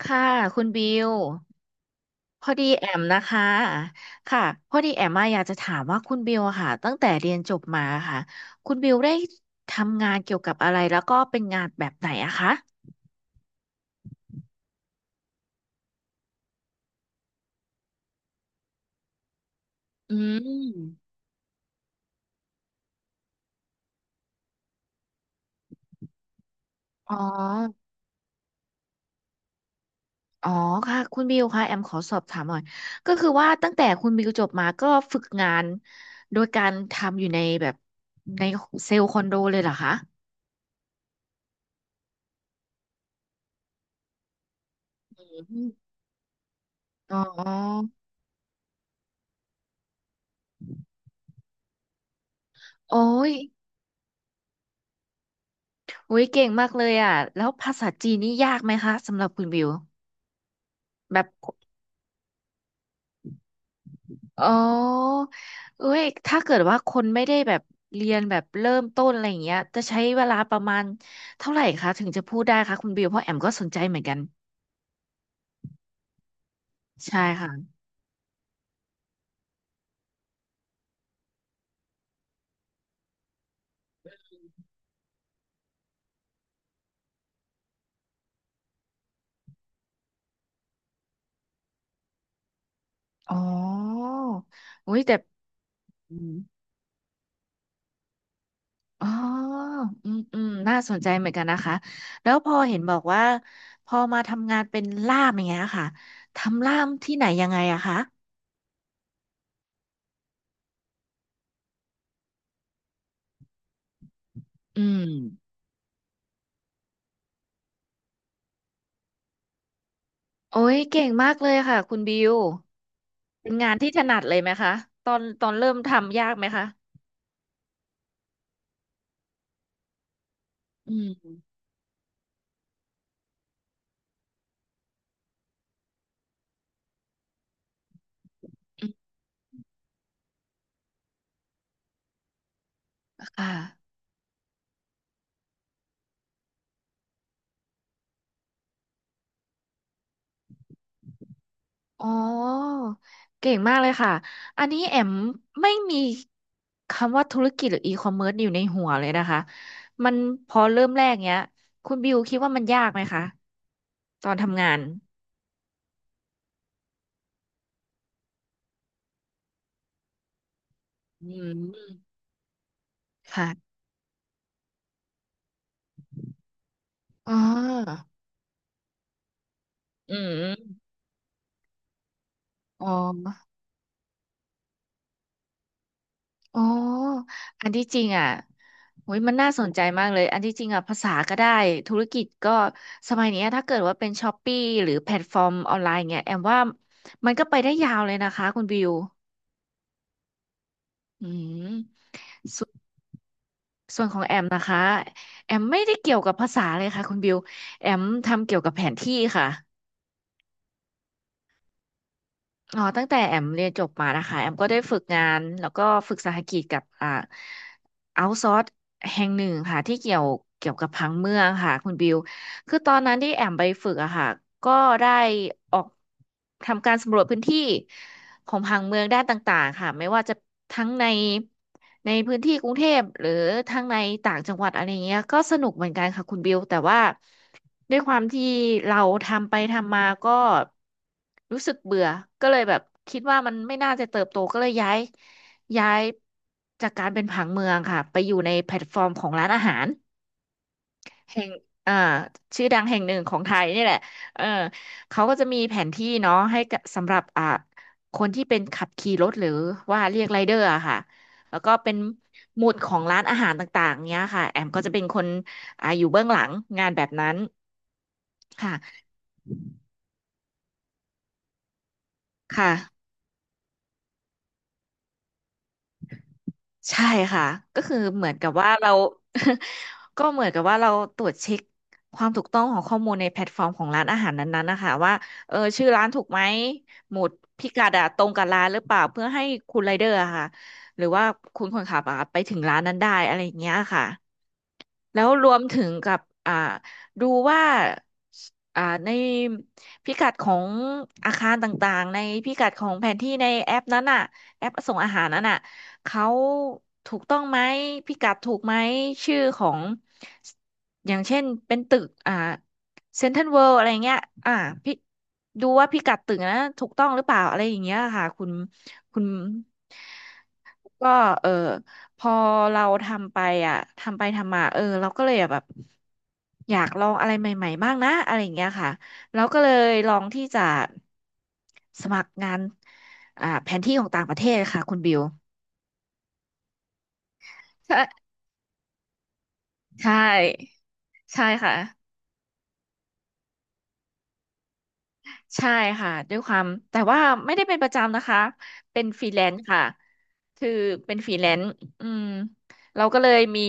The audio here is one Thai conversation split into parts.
ค่ะคุณบิวพอดีแอมนะคะค่ะพอดีแอมมาอยากจะถามว่าคุณบิวอะค่ะตั้งแต่เรียนจบมาค่ะคุณบิวได้ทำงานเกี่ยวกับอะไรแล้วก็เป็นงานแบบไหนอะคะอืมอ๋ออ๋อค่ะคุณบิวค่ะแอมขอสอบถามหน่อยก็คือว่าตั้งแต่คุณบิวจบมาก็ฝึกงานโดยการทำอยู่ในแบบในเซลล์คอนโดเลยเหรอคะอืมอ๋อโอ้ย อุ้ยเก่งมากเลยอ่ะแล้วภาษาจีนนี่ยากไหมคะสำหรับคุณบิวแบบอ๋อเอ้ยถ้าเกิดว่าคนไม่ได้แบบเรียนแบบเริ่มต้นอะไรอย่างเงี้ยจะใช้เวลาประมาณเท่าไหร่คะถึงจะพูดได้คะคุณบิวเพราะแอมก็สนใจเหมือนกันใช่ค่ะอ๋ออุ้ยแต่อืมอ๋ออืมอืมน่าสนใจเหมือนกันนะคะแล้วพอเห็นบอกว่าพอมาทำงานเป็นล่ามอย่างเงี้ยค่ะทำล่ามที่ไหนยังไงอะคะอืม โอ้ยเก่งมากเลยค่ะคุณบิวเป็นงานที่ถนัดเลยไหมคะตอนเริ่มทำยากไหมคะอืมอืมค่ะอ๋อเก่งมากเลยค่ะอันนี้แอมไม่มีคำว่าธุรกิจหรืออีคอมเมิร์ซอยู่ในหัวเลยนะคะมันพอเริ่มแรกเนี้ยคุณบิวคิดว่ามันยากไหมคะตอนทำงานอืมค่ะอ่าอืมอ๋อ อ๋ออันที่จริงอ่ะโอ้ยมันน่าสนใจมากเลย อันที่จริงอ่ะภาษาก็ได้ ธุรกิจก็สมัยเนี้ยถ้าเกิดว่าเป็นช้อปปี้หรือแพลตฟอร์มออนไลน์เงี้ยแอมว่ามันก็ไปได้ยาวเลยนะคะคุณบิวอืมสส่วนของแอมนะคะ แอมไม่ได้เกี่ยวกับภาษาเลยค่ะคุณบิว แอมทำเกี่ยวกับแผนที่ค่ะ อ๋อตั้งแต่แอมเรียนจบมานะคะแอมก็ได้ฝึกงานแล้วก็ฝึกสหกิจกับเอาท์ซอร์แห่งหนึ่งค่ะที่เกี่ยวกับผังเมืองค่ะคุณบิว คือตอนนั้นที่แอมไปฝึกอะค่ะก็ได้ออกทำการสำรวจพื้นที่ ของผังเมืองด้านต่างๆค่ะไม่ว่าจะทั้งในในพื้นที่กรุงเทพหรือทั้งในต่างจังหวัดอะไรเงี้ยก็สนุกเหมือนกันค่ะคุณบิวแต่ว่าด้วยความที่เราทำไปทำมาก็รู้สึกเบื่อก็เลยแบบคิดว่ามันไม่น่าจะเติบโตก็เลยย้ายจากการเป็นผังเมืองค่ะไปอยู่ในแพลตฟอร์มของร้านอาหาร แห่งอ่าชื่อดังแห่งหนึ่งของไทยนี่แหละเออเขาก็จะมีแผนที่เนาะให้กับสำหรับคนที่เป็นขับขี่รถหรือว่าเรียกไรเดอร์อะค่ะ แล้วก็เป็นหมุดของร้านอาหารต่างๆเนี้ยค่ะ แอมก็จะเป็นคนอยู่เบื้องหลังงานแบบนั้นค่ะค่ะ ใช่ค่ะก็คือเหมือนกับว่าเรา ก็เหมือนกับว่าเราตรวจเช็คความถูกต้องของข้อมูลในแพลตฟอร์มของร้านอาหารนั้นๆนะคะว่าเออชื่อร้านถูกไหมหมุดพิกัดอะตรงกับร้านหรือเปล่าเพื่อให้คุณไรเดอร์อะค่ะหรือว่าคุณคนขับอะไปถึงร้านนั้นได้อะไรอย่างเงี้ยค่ะ แล้วรวมถึงกับอ่าดูว่าอ่าในพิกัดของอาคารต่างๆในพิกัดของแผนที่ในแอปนั้นน่ะแอปส่งอาหารนั้นน่ะเขาถูกต้องไหมพิกัดถูกไหมชื่อของสอย่างเช่นเป็นตึกเซ็นทรัลเวิลด์อะไรเงี้ยอ่าพี่ดูว่าพิกัดตึกนะถูกต้องหรือเปล่าอะไรอย่างเงี้ยค่ะคุณ ก็เออพอเราทำไปอ่ะทำไปทำมาเออเราก็เลยแบบอยากลองอะไรใหม่ๆ บ้างนะอะไรอย่างเงี้ยค่ะแล้วก็เลยลองที่จะสมัครงานแผนที่ของต่างประเทศค่ะคุณบิวใช่ใช่ใช่ค่ะ ใช่ค่ะด้วยความแต่ว่าไม่ได้เป็นประจำนะคะเป็นฟรีแลนซ์ค่ะคือเป็นฟรีแลนซ์อืมเราก็เลยมี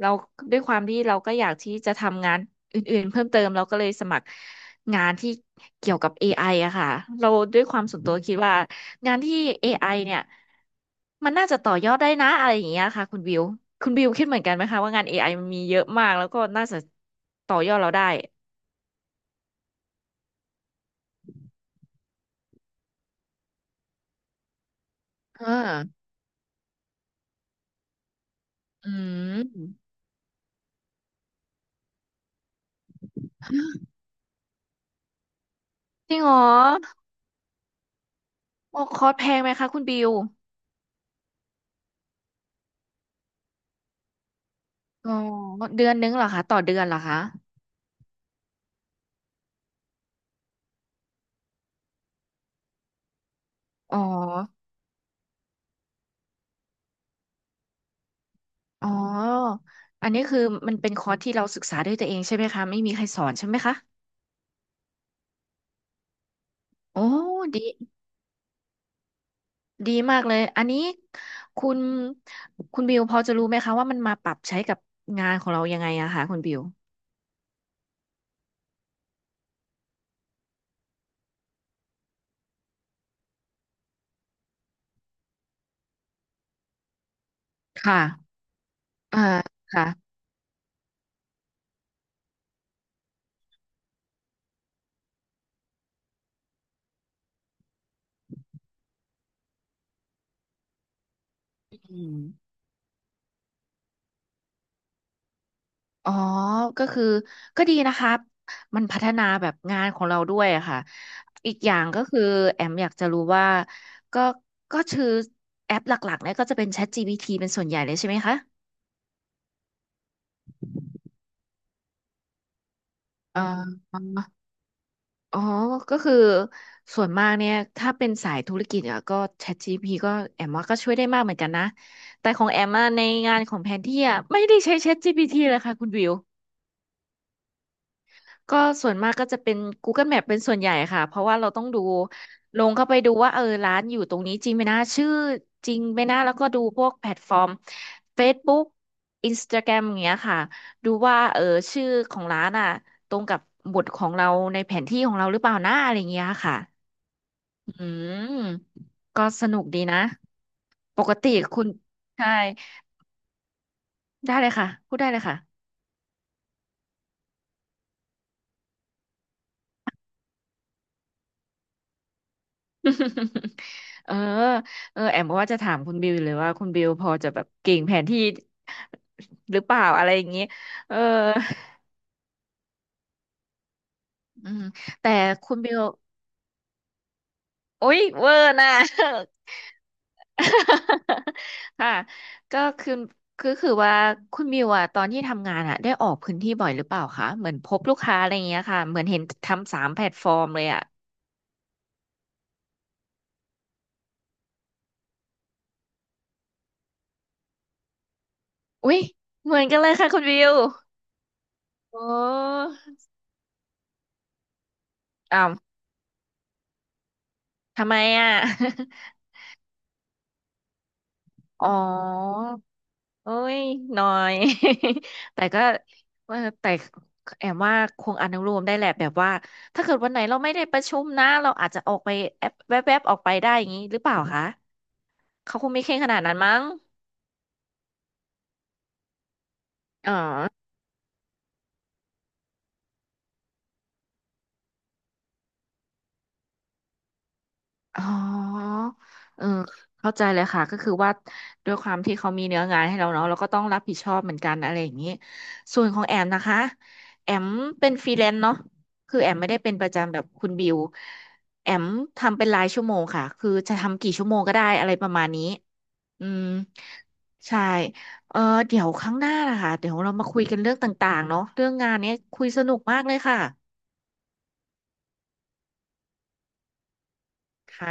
เราด้วยความที่เราก็อยากที่จะทำงานอื่นๆเพิ่มเติมเราก็เลยสมัครงานที่เกี่ยวกับเอ i ออะค่ะเราด้วยความส่วนตัวคิดว่างานที่ AI เนี่ยมันน่าจะต่อยอดได้นะอะไรอย่างเงี้ยค่ะคุณบิวคุณบิวคิดเหมือนกันไหมคะว่างาน AI มันมีเยอะมากแล้วก็น่าจะต่อยอดเราได้เอ่าอืม จริงเหรอโอ้คอร์สแพงไหมคะคุณบิวอ๋อเดือนนึงเหรอคะต่อเดือนเหรอคะอ๋ออ๋ออันนี้คือมันเป็นคอร์สที่เราศึกษาด้วยตัวเองใช่ไหมคะไม่มีใครสอนใช่ไหมคะโอ้ดีดีมากเลยอันนี้คุณคุณบิวพอจะรู้ไหมคะว่ามันมาปรับใช้กับงานของเรายังไงอะคะคุณบิวค่ะอ่าค่ะอืม อ๋อ ก็คือก็ดีนะคะมันพัฒนาแบบงานของเราด้วยอะค่ะ อีกอย่างก็คือแอมอยากจะรู้ว่าก็ก็คือแอปหลักๆเนี่ยก็จะเป็น ChatGPT เป็นส่วนใหญ่เลยใช่ไหมคะอ่าออ๋อ ก็คือส่วนมากเนี่ยถ้าเป็นสายธุรกิจอะก็ ChatGPT ก็แอมว่าก็ช่วยได้มากเหมือนกันนะ แต่ของแอมอะในงานของแผนที่อะไม่ได้ใช้ ChatGPT เลยค่ะคุณวิว ก็ส่วนมากก็จะเป็น Google Map เป็นส่วนใหญ่ค่ะเพราะว่าเราต้องดูลงเข้าไปดูว่าเออร้านอยู่ตรงนี้จริงไหมนะชื่อจริงไหมนะแล้วก็ดูพวกแพลตฟอร์ม Facebook Instagram อย่างเงี้ยค่ะดูว่าเออชื่อของร้านอ่ะตรงกับบทของเราในแผนที่ของเราหรือเปล่านะอะไรเงี้ยค่ะอืมก็สนุกดีนะปกติคุณใช่ได้เลยค่ะพูดได้เลยค่ะ เออเออแอมกว่าจะถามคุณบิวเลยว่าคุณบิวพอจะแบบเก่งแผนที่หรือเปล่าอะไรอย่างนี้เอออืมแต่คุณบิวโอ๊ยเวอร์นะ ค่ะก็คือคือว่าคุณบิวอะตอนที่ทำงานอะได้ออกพื้นที่บ่อยหรือเปล่าคะเหมือนพบลูกค้าอะไรอย่างเงี้ยค่ะเหมือนเห็นทำสามแพลตฟอร์มเลยอะอุ๊ยเหมือนกันเลยค่ะคุณบิวโอ้อ้าวทำไมอะ อ๋อ โอ้ยน้อย แต่ก็ว่าแต่แอมว่าคงอนุโลมได้แหละแบบว่า ถ้าเกิดวันไหนเราไม่ได้ประชุมนะเราอาจจะออกไปแอบแวบๆออกไปได้อย่างนี้หรือเปล่าคะ เขาคงไม่เคร่งขนาดนั้นมั้งอ๋อ อ๋อเออเข้าใจเลยค่ะก็คือว่าด้วยความที่เขามีเนื้องานให้เราเนาะเราก็ต้องรับผิดชอบเหมือนกันอะไรอย่างนี้ส่วนของแอมนะคะแอมเป็นฟรีแลนซ์เนาะคือแอมไม่ได้เป็นประจำแบบคุณบิวแอมทำเป็นรายชั่วโมงค่ะคือจะทำกี่ชั่วโมงก็ได้อะไรประมาณนี้อืมใช่เออเดี๋ยวครั้งหน้านะคะเดี๋ยวเรามาคุยกันเรื่องต่างๆเนาะเรื่องงานเนี้ยคุยสนุกมากเลยค่ะค่ะ